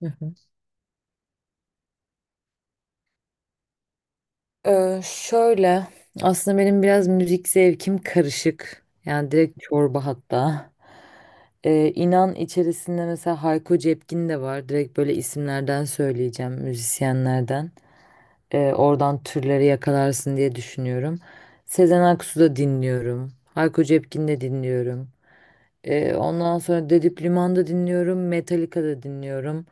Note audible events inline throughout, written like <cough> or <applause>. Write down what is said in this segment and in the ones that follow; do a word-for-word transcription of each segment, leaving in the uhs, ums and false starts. Hı hı. Ee, şöyle aslında benim biraz müzik zevkim karışık. Yani direkt çorba hatta. Ee, inan içerisinde mesela Hayko Cepkin de var. Direkt böyle isimlerden söyleyeceğim müzisyenlerden. E, oradan türleri yakalarsın diye düşünüyorum. Sezen Aksu da dinliyorum. Hayko Cepkin de dinliyorum. E, ondan sonra Dedip Liman'da dinliyorum. Metallica da dinliyorum.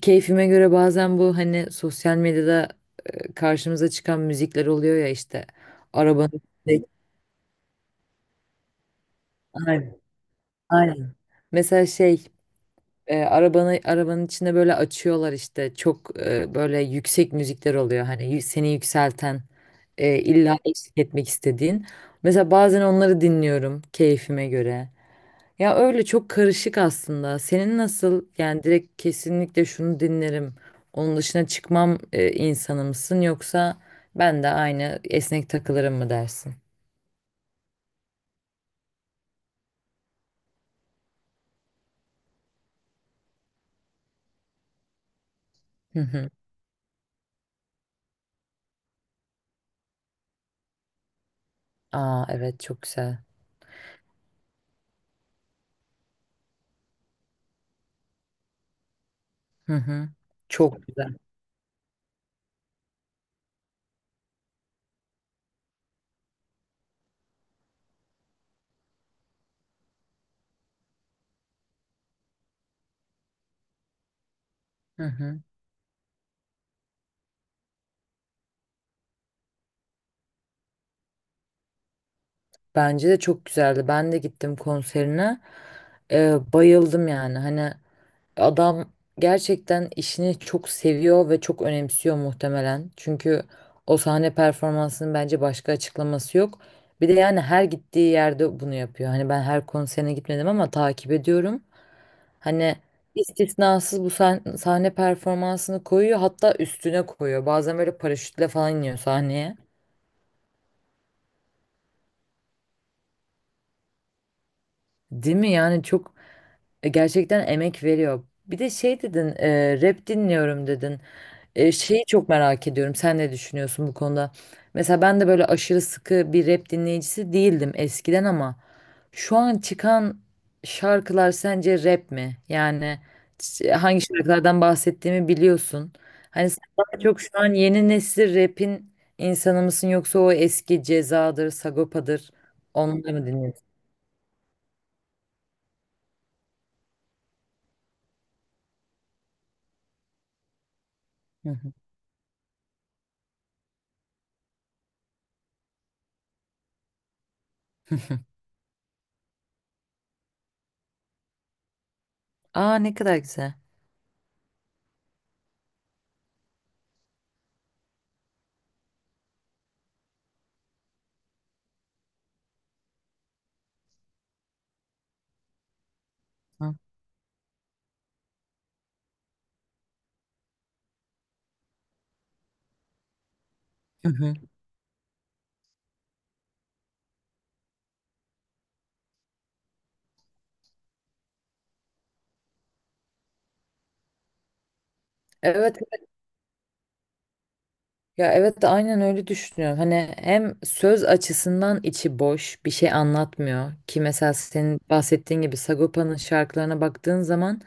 Keyfime göre bazen bu hani sosyal medyada, e, karşımıza çıkan müzikler oluyor ya işte, arabanın. Aynen. Aynen. Mesela şey, e, arabanı arabanın içinde böyle açıyorlar işte, çok e, böyle yüksek müzikler oluyor, hani yü- seni yükselten, e, illa, Evet. eşlik etmek istediğin. Mesela bazen onları dinliyorum keyfime göre. Ya öyle çok karışık aslında. Senin nasıl, yani direkt kesinlikle şunu dinlerim, onun dışına çıkmam e, insanı mısın, yoksa ben de aynı esnek takılırım mı dersin? Hı hı. Aa evet, çok güzel. Hı hı. Çok güzel. Hı hı. Bence de çok güzeldi. Ben de gittim konserine. Ee, bayıldım yani. Hani adam gerçekten işini çok seviyor ve çok önemsiyor muhtemelen. Çünkü o sahne performansının bence başka açıklaması yok. Bir de yani her gittiği yerde bunu yapıyor. Hani ben her konserine gitmedim ama takip ediyorum. Hani istisnasız bu sahne, sahne performansını koyuyor, hatta üstüne koyuyor. Bazen böyle paraşütle falan iniyor sahneye. Değil mi? Yani çok E, gerçekten emek veriyor. Bir de şey dedin, e, rap dinliyorum dedin. E, şeyi çok merak ediyorum. Sen ne düşünüyorsun bu konuda? Mesela ben de böyle aşırı sıkı bir rap dinleyicisi değildim eskiden, ama şu an çıkan şarkılar sence rap mi? Yani ç- hangi şarkılardan bahsettiğimi biliyorsun. Hani sen daha çok şu an yeni nesil rap'in insanı mısın, yoksa o eski Ceza'dır, Sagopa'dır, onları mı dinliyorsun? Hı hı. <laughs> Aa ne kadar güzel. Hı hı. Evet, evet. Ya evet de aynen öyle düşünüyorum. Hani hem söz açısından içi boş, bir şey anlatmıyor ki. Mesela senin bahsettiğin gibi Sagopa'nın şarkılarına baktığın zaman,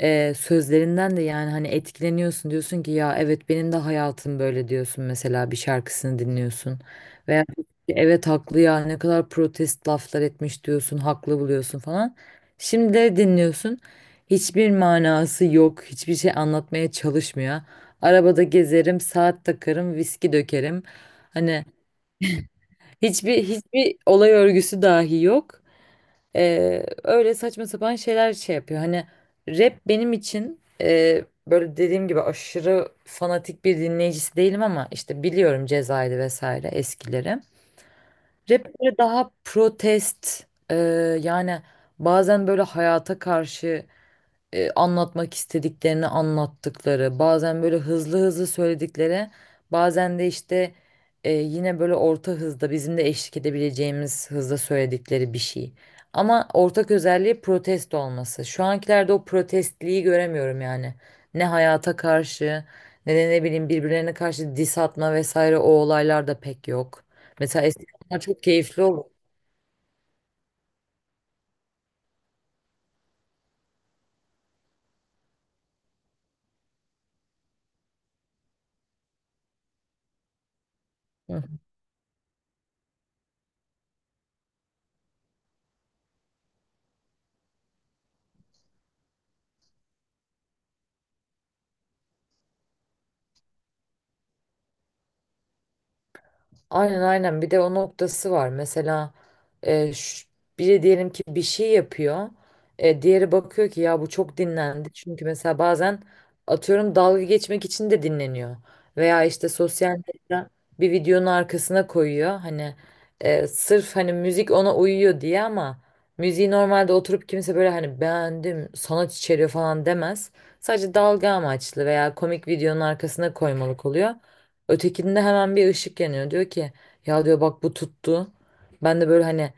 e, sözlerinden de, yani hani etkileniyorsun, diyorsun ki ya evet benim de hayatım böyle, diyorsun mesela bir şarkısını dinliyorsun. Veya evet, haklı ya, ne kadar protest laflar etmiş diyorsun, haklı buluyorsun falan. Şimdi de dinliyorsun, hiçbir manası yok, hiçbir şey anlatmaya çalışmıyor. Arabada gezerim, saat takarım, viski dökerim. Hani hiçbir hiçbir olay örgüsü dahi yok. Ee, öyle saçma sapan şeyler şey yapıyor. Hani rap benim için, e, böyle dediğim gibi aşırı fanatik bir dinleyicisi değilim, ama işte biliyorum Ceza'ydı vesaire eskileri. Rap böyle daha protest, e, yani bazen böyle hayata karşı, e, anlatmak istediklerini anlattıkları, bazen böyle hızlı hızlı söyledikleri, bazen de işte, e, yine böyle orta hızda bizim de eşlik edebileceğimiz hızda söyledikleri bir şey. Ama ortak özelliği protesto olması. Şu ankilerde o protestliği göremiyorum yani. Ne hayata karşı ne de, ne bileyim, birbirlerine karşı diss atma vesaire o olaylar da pek yok. Mesela eskiden bunlar çok keyifli olur. Aynen, aynen, bir de o noktası var. Mesela e, ş- biri diyelim ki bir şey yapıyor. E, diğeri bakıyor ki ya bu çok dinlendi. Çünkü mesela bazen atıyorum dalga geçmek için de dinleniyor. Veya işte sosyal medya bir videonun arkasına koyuyor. Hani e, sırf hani müzik ona uyuyor diye, ama müziği normalde oturup kimse böyle hani beğendim, sanat içeriyor falan demez. Sadece dalga amaçlı veya komik videonun arkasına koymalık oluyor. Ötekinde hemen bir ışık yanıyor. Diyor ki ya, diyor, bak bu tuttu. Ben de böyle, hani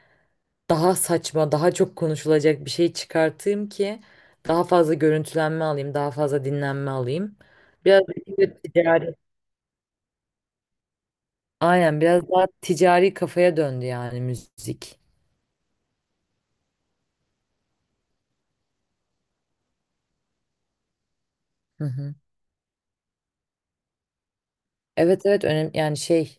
daha saçma, daha çok konuşulacak bir şey çıkartayım ki daha fazla görüntülenme alayım, daha fazla dinlenme alayım. Biraz da ticari. Aynen, biraz daha ticari kafaya döndü yani müzik. Hı hı. Evet, evet, önemli yani şey.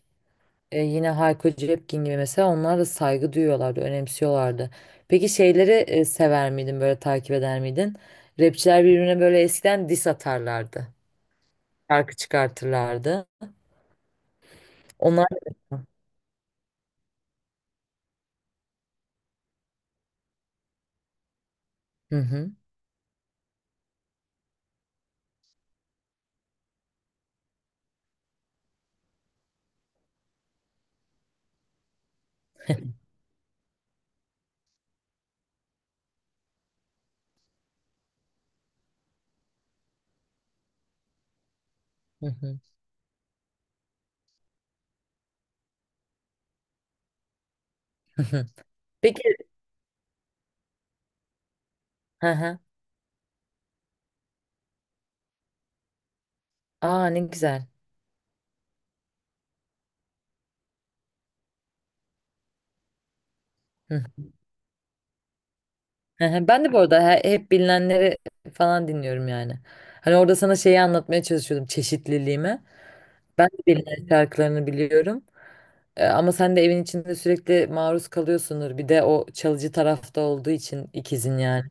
E, yine Hayko Cepkin gibi, mesela onlar da saygı duyuyorlardı, önemsiyorlardı. Peki şeyleri e, sever miydin, böyle takip eder miydin? Rapçiler birbirine böyle eskiden diss atarlardı. Şarkı çıkartırlardı. Onlar. Hı hı. Hı hı. Hı hı. Peki. Hı hı. Aa ne güzel. Hı. Hı hı. Ben de bu arada he- hep bilinenleri falan dinliyorum yani. Hani orada sana şeyi anlatmaya çalışıyordum, çeşitliliğimi. Ben de bilinen şarkılarını biliyorum. E, ama sen de evin içinde sürekli maruz kalıyorsundur. Bir de o çalıcı tarafta olduğu için ikizin yani.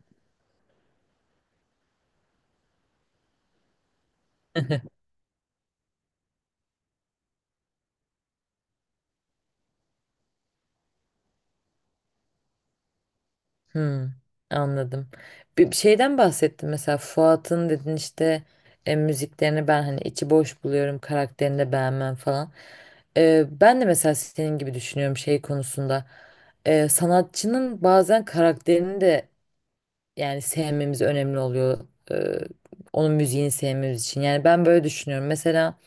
Hmm, anladım. Bir bir şeyden bahsettin, mesela Fuat'ın dedin işte, e, müziklerini ben hani içi boş buluyorum, karakterini de beğenmem falan. E, ben de mesela senin gibi düşünüyorum şey konusunda. E, sanatçının bazen karakterini de yani sevmemiz önemli oluyor. E, onun müziğini sevmemiz için. Yani ben böyle düşünüyorum. Mesela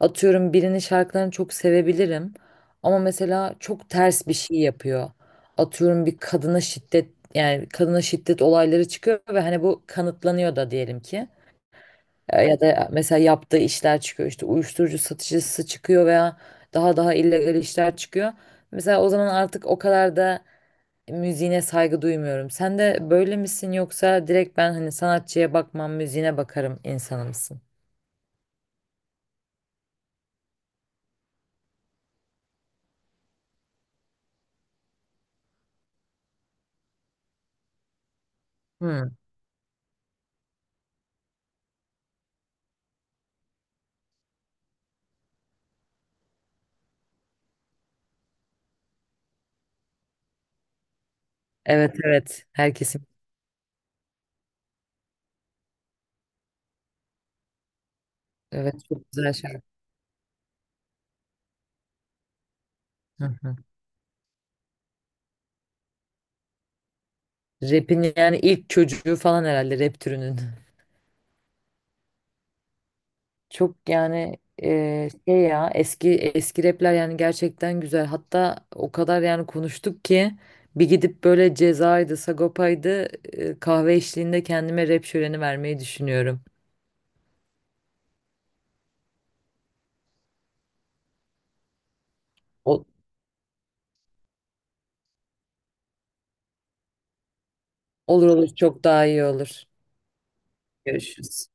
atıyorum birinin şarkılarını çok sevebilirim, ama mesela çok ters bir şey yapıyor. Atıyorum bir kadına şiddet, yani kadına şiddet olayları çıkıyor ve hani bu kanıtlanıyor da diyelim ki. E, Ya da mesela yaptığı işler çıkıyor, işte uyuşturucu satıcısı çıkıyor veya daha daha illegal işler çıkıyor. Mesela o zaman artık o kadar da müziğine saygı duymuyorum. Sen de böyle misin, yoksa direkt ben hani sanatçıya bakmam, müziğine bakarım insanı mısın? Hmm. Evet, evet, herkesin. Evet, çok güzel şarkı. Hı hı. Rap'in yani ilk çocuğu falan herhalde, rap türünün. Çok yani, e, şey ya, eski eski rapler yani gerçekten güzel. Hatta o kadar yani konuştuk ki, bir gidip böyle Ceza'ydı, Sagopa'ydı, e, kahve eşliğinde kendime rap şöleni vermeyi düşünüyorum. Ol- olur olur, çok daha iyi olur. Görüşürüz.